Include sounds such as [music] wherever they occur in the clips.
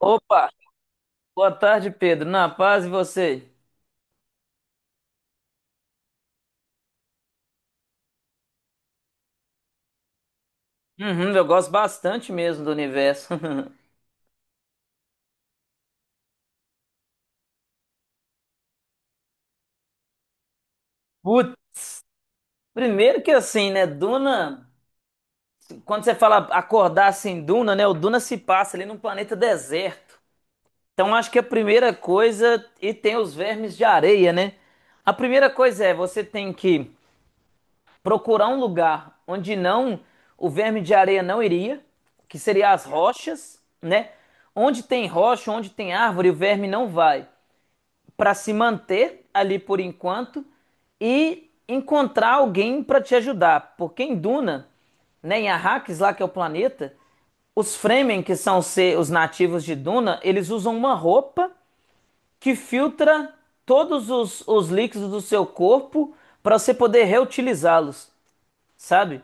Opa, boa tarde, Pedro. Na paz e você? Uhum, eu gosto bastante mesmo do universo. [laughs] Putz, primeiro que assim, né, Duna, quando você fala acordar assim, Duna, né, o Duna se passa ali num planeta deserto. Então acho que a primeira coisa, e tem os vermes de areia, né? A primeira coisa é, você tem que procurar um lugar onde não, o verme de areia não iria, que seria as rochas, né? Onde tem rocha, onde tem árvore, o verme não vai, para se manter ali por enquanto e encontrar alguém para te ajudar. Porque em Duna, né, em Arrakis, lá que é o planeta, os Fremen, que são os nativos de Duna, eles usam uma roupa que filtra todos os líquidos do seu corpo para você poder reutilizá-los, sabe?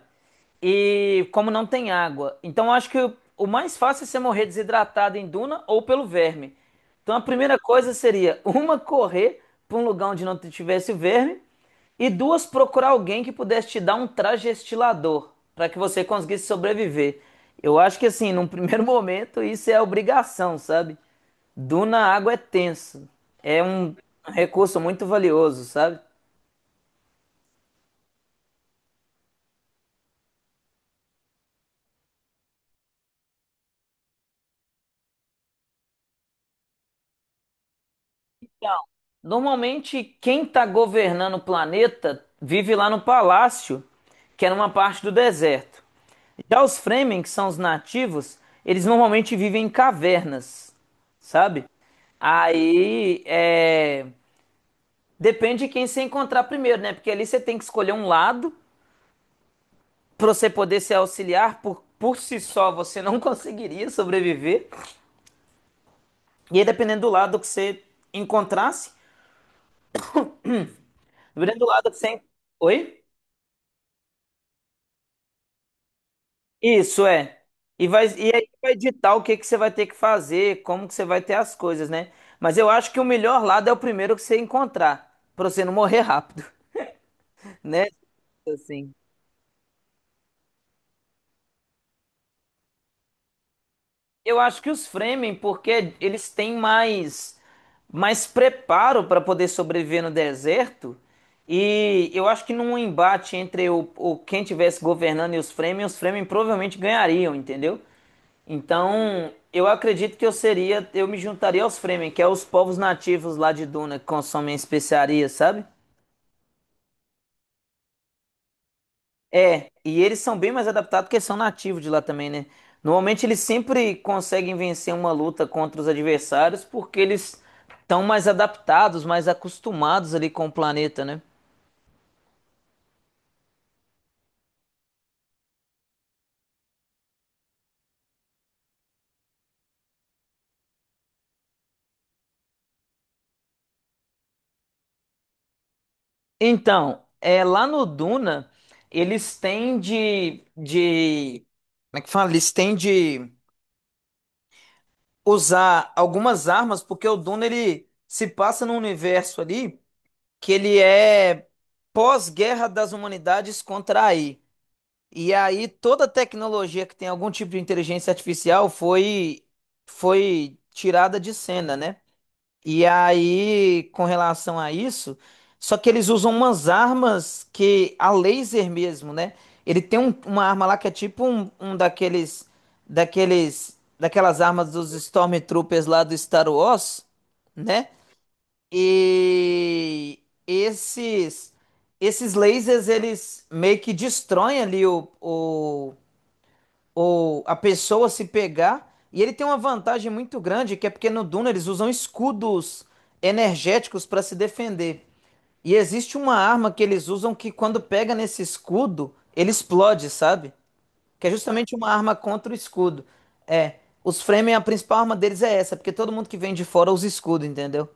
E como não tem água. Então eu acho que o mais fácil é você morrer desidratado em duna ou pelo verme. Então a primeira coisa seria [laughs] uma, correr para um lugar onde não tivesse verme, e duas, procurar alguém que pudesse te dar um trajestilador para que você conseguisse sobreviver. Eu acho que assim, num primeiro [laughs] momento isso é obrigação, sabe? Duna, água é tenso. É um recurso muito valioso, sabe? Normalmente, quem está governando o planeta vive lá no palácio, que é numa parte do deserto. Já os Fremen, que são os nativos, eles normalmente vivem em cavernas, sabe? Aí é, depende de quem você encontrar primeiro, né? Porque ali você tem que escolher um lado para você poder se auxiliar. Por si só você não [laughs] conseguiria sobreviver. E aí, dependendo do lado que você encontrasse, dependendo do lado que você. Oi? Isso é. E vai, e aí vai ditar o que que você vai ter que fazer, como que você vai ter as coisas, né? Mas eu acho que o melhor lado é o primeiro que você encontrar, pra você não morrer rápido, [laughs] né? Assim. Eu acho que os Fremen, porque eles têm mais preparo para poder sobreviver no deserto, e eu acho que num embate entre o quem tivesse governando e os Fremen provavelmente ganhariam, entendeu? Então, eu acredito que eu seria, eu me juntaria aos Fremen, que é os povos nativos lá de Duna que consomem especiarias, sabe? É, e eles são bem mais adaptados porque são nativos de lá também, né? Normalmente eles sempre conseguem vencer uma luta contra os adversários porque eles estão mais adaptados, mais acostumados ali com o planeta, né? Então, é, lá no Duna, eles têm de. Como é que fala? Eles têm de usar algumas armas, porque o Duna ele se passa num universo ali que ele é pós-guerra das humanidades contra a AI. E aí toda tecnologia que tem algum tipo de inteligência artificial foi tirada de cena, né? E aí, com relação a isso, só que eles usam umas armas que a laser mesmo, né? Ele tem uma arma lá que é tipo um, um daquelas armas dos Stormtroopers lá do Star Wars, né? E esses, esses lasers eles meio que destroem ali o ou a pessoa se pegar. E ele tem uma vantagem muito grande, que é porque no Duna eles usam escudos energéticos para se defender. E existe uma arma que eles usam que quando pega nesse escudo, ele explode, sabe? Que é justamente uma arma contra o escudo. É, os Fremen, a principal arma deles é essa, porque todo mundo que vem de fora usa escudo, entendeu?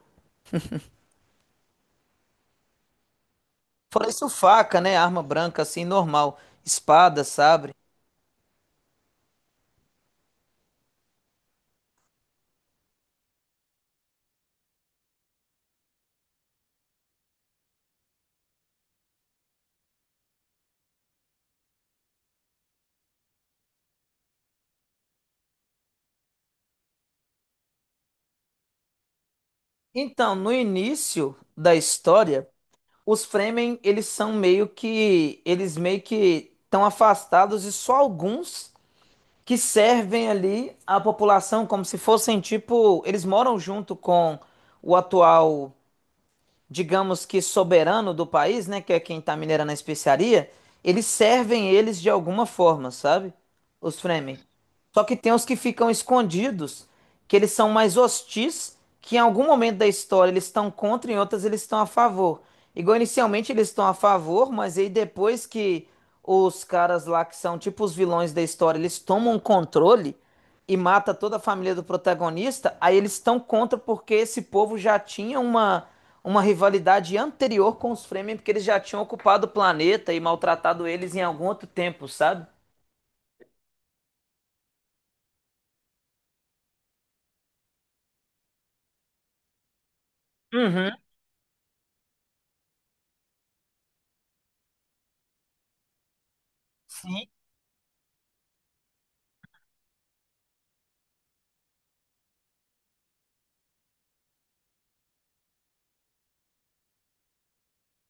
Fora isso, faca, né? Arma branca, assim, normal. Espada, sabre. Então, no início da história, os Fremen, eles são meio que, eles meio que estão afastados e só alguns que servem ali à população, como se fossem tipo. Eles moram junto com o atual, digamos, que soberano do país, né, que é quem está minerando a especiaria, eles servem eles de alguma forma, sabe? Os Fremen. Só que tem os que ficam escondidos, que eles são mais hostis, que em algum momento da história eles estão contra e em outras eles estão a favor. Igual inicialmente eles estão a favor, mas aí depois que os caras lá que são tipo os vilões da história, eles tomam controle, e mata toda a família do protagonista, aí eles estão contra porque esse povo já tinha uma rivalidade anterior com os Fremen, porque eles já tinham ocupado o planeta e maltratado eles em algum outro tempo, sabe? Uhum, sim.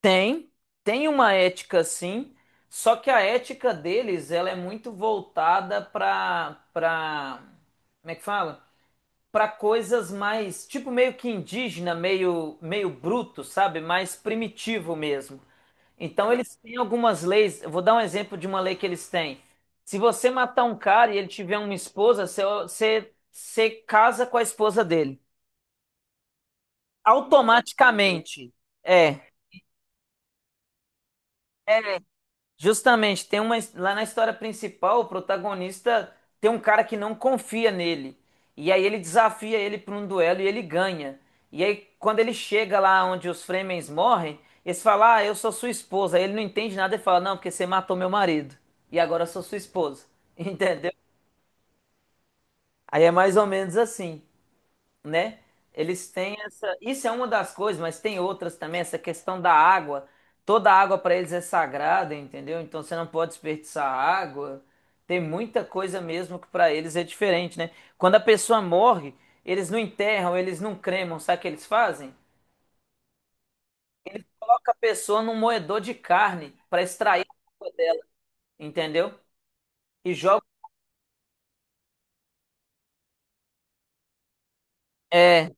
Tem, tem uma ética sim, só que a ética deles, ela é muito voltada para, como é que fala? Para coisas mais, tipo meio que indígena, meio bruto, sabe? Mais primitivo mesmo. Então eles têm algumas leis. Eu vou dar um exemplo de uma lei que eles têm. Se você matar um cara e ele tiver uma esposa, você casa com a esposa dele. Automaticamente. É. É. Justamente, tem uma, lá na história principal, o protagonista tem um cara que não confia nele. E aí ele desafia ele para um duelo e ele ganha. E aí quando ele chega lá onde os Fremen morrem, eles falam: "Ah, eu sou sua esposa". Aí ele não entende nada e fala: "Não, porque você matou meu marido. E agora eu sou sua esposa". [laughs] Entendeu? Aí é mais ou menos assim, né? Eles têm essa. Isso é uma das coisas, mas tem outras também, essa questão da água. Toda água para eles é sagrada, entendeu? Então você não pode desperdiçar água. Tem muita coisa mesmo que para eles é diferente, né? Quando a pessoa morre, eles não enterram, eles não cremam, sabe o que eles fazem? Eles colocam a pessoa num moedor de carne para extrair a água dela, entendeu? E joga. É.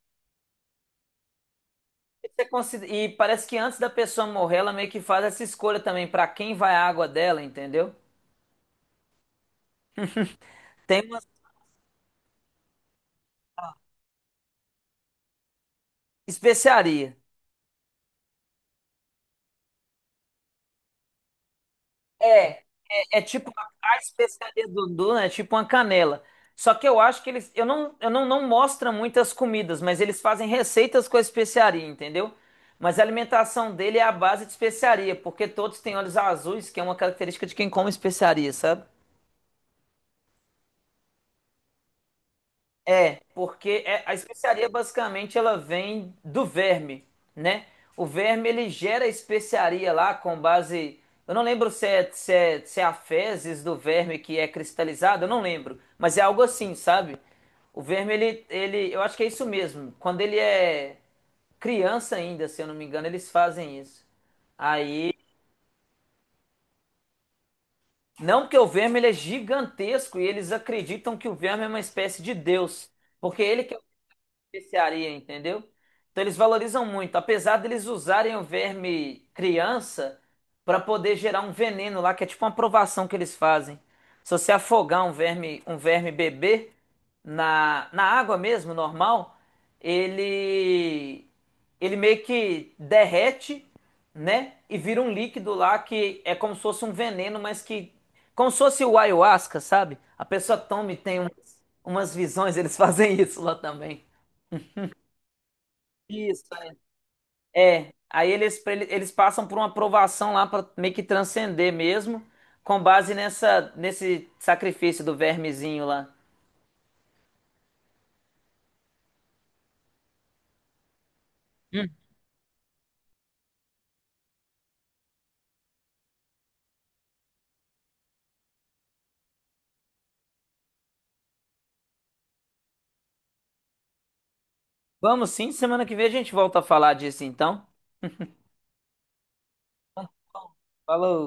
Isso é consider- e parece que antes da pessoa morrer, ela meio que faz essa escolha também para quem vai a água dela, entendeu? Tem uma especiaria. É. É, é tipo a especiaria do Dudu, né? É tipo uma canela. Só que eu acho que eles, eu não, não mostra muitas comidas, mas eles fazem receitas com a especiaria, entendeu? Mas a alimentação dele é à base de especiaria, porque todos têm olhos azuis, que é uma característica de quem come especiaria, sabe? É, porque é- a especiaria basicamente ela vem do verme, né? O verme ele gera a especiaria lá com base. Eu não lembro se é a fezes do verme que é cristalizado, eu não lembro. Mas é algo assim, sabe? O verme ele, ele. Eu acho que é isso mesmo. Quando ele é criança ainda, se eu não me engano, eles fazem isso. Aí. Não porque o verme ele é gigantesco e eles acreditam que o verme é uma espécie de Deus. Porque ele que especiaria, entendeu? Então eles valorizam muito, apesar deles usarem o verme criança para poder gerar um veneno lá, que é tipo uma provação que eles fazem. Se você afogar um verme bebê na água mesmo, normal, ele meio que derrete, né? E vira um líquido lá que é como se fosse um veneno, mas que como se fosse o ayahuasca, sabe? A pessoa toma e tem um, umas visões, eles [laughs] fazem isso lá também. Isso, é. É. Aí eles, pra ele- eles passam por uma aprovação lá para meio que transcender mesmo, com base nessa, nesse sacrifício do vermezinho lá. Vamos sim, semana que vem a gente volta a falar disso então. Falou.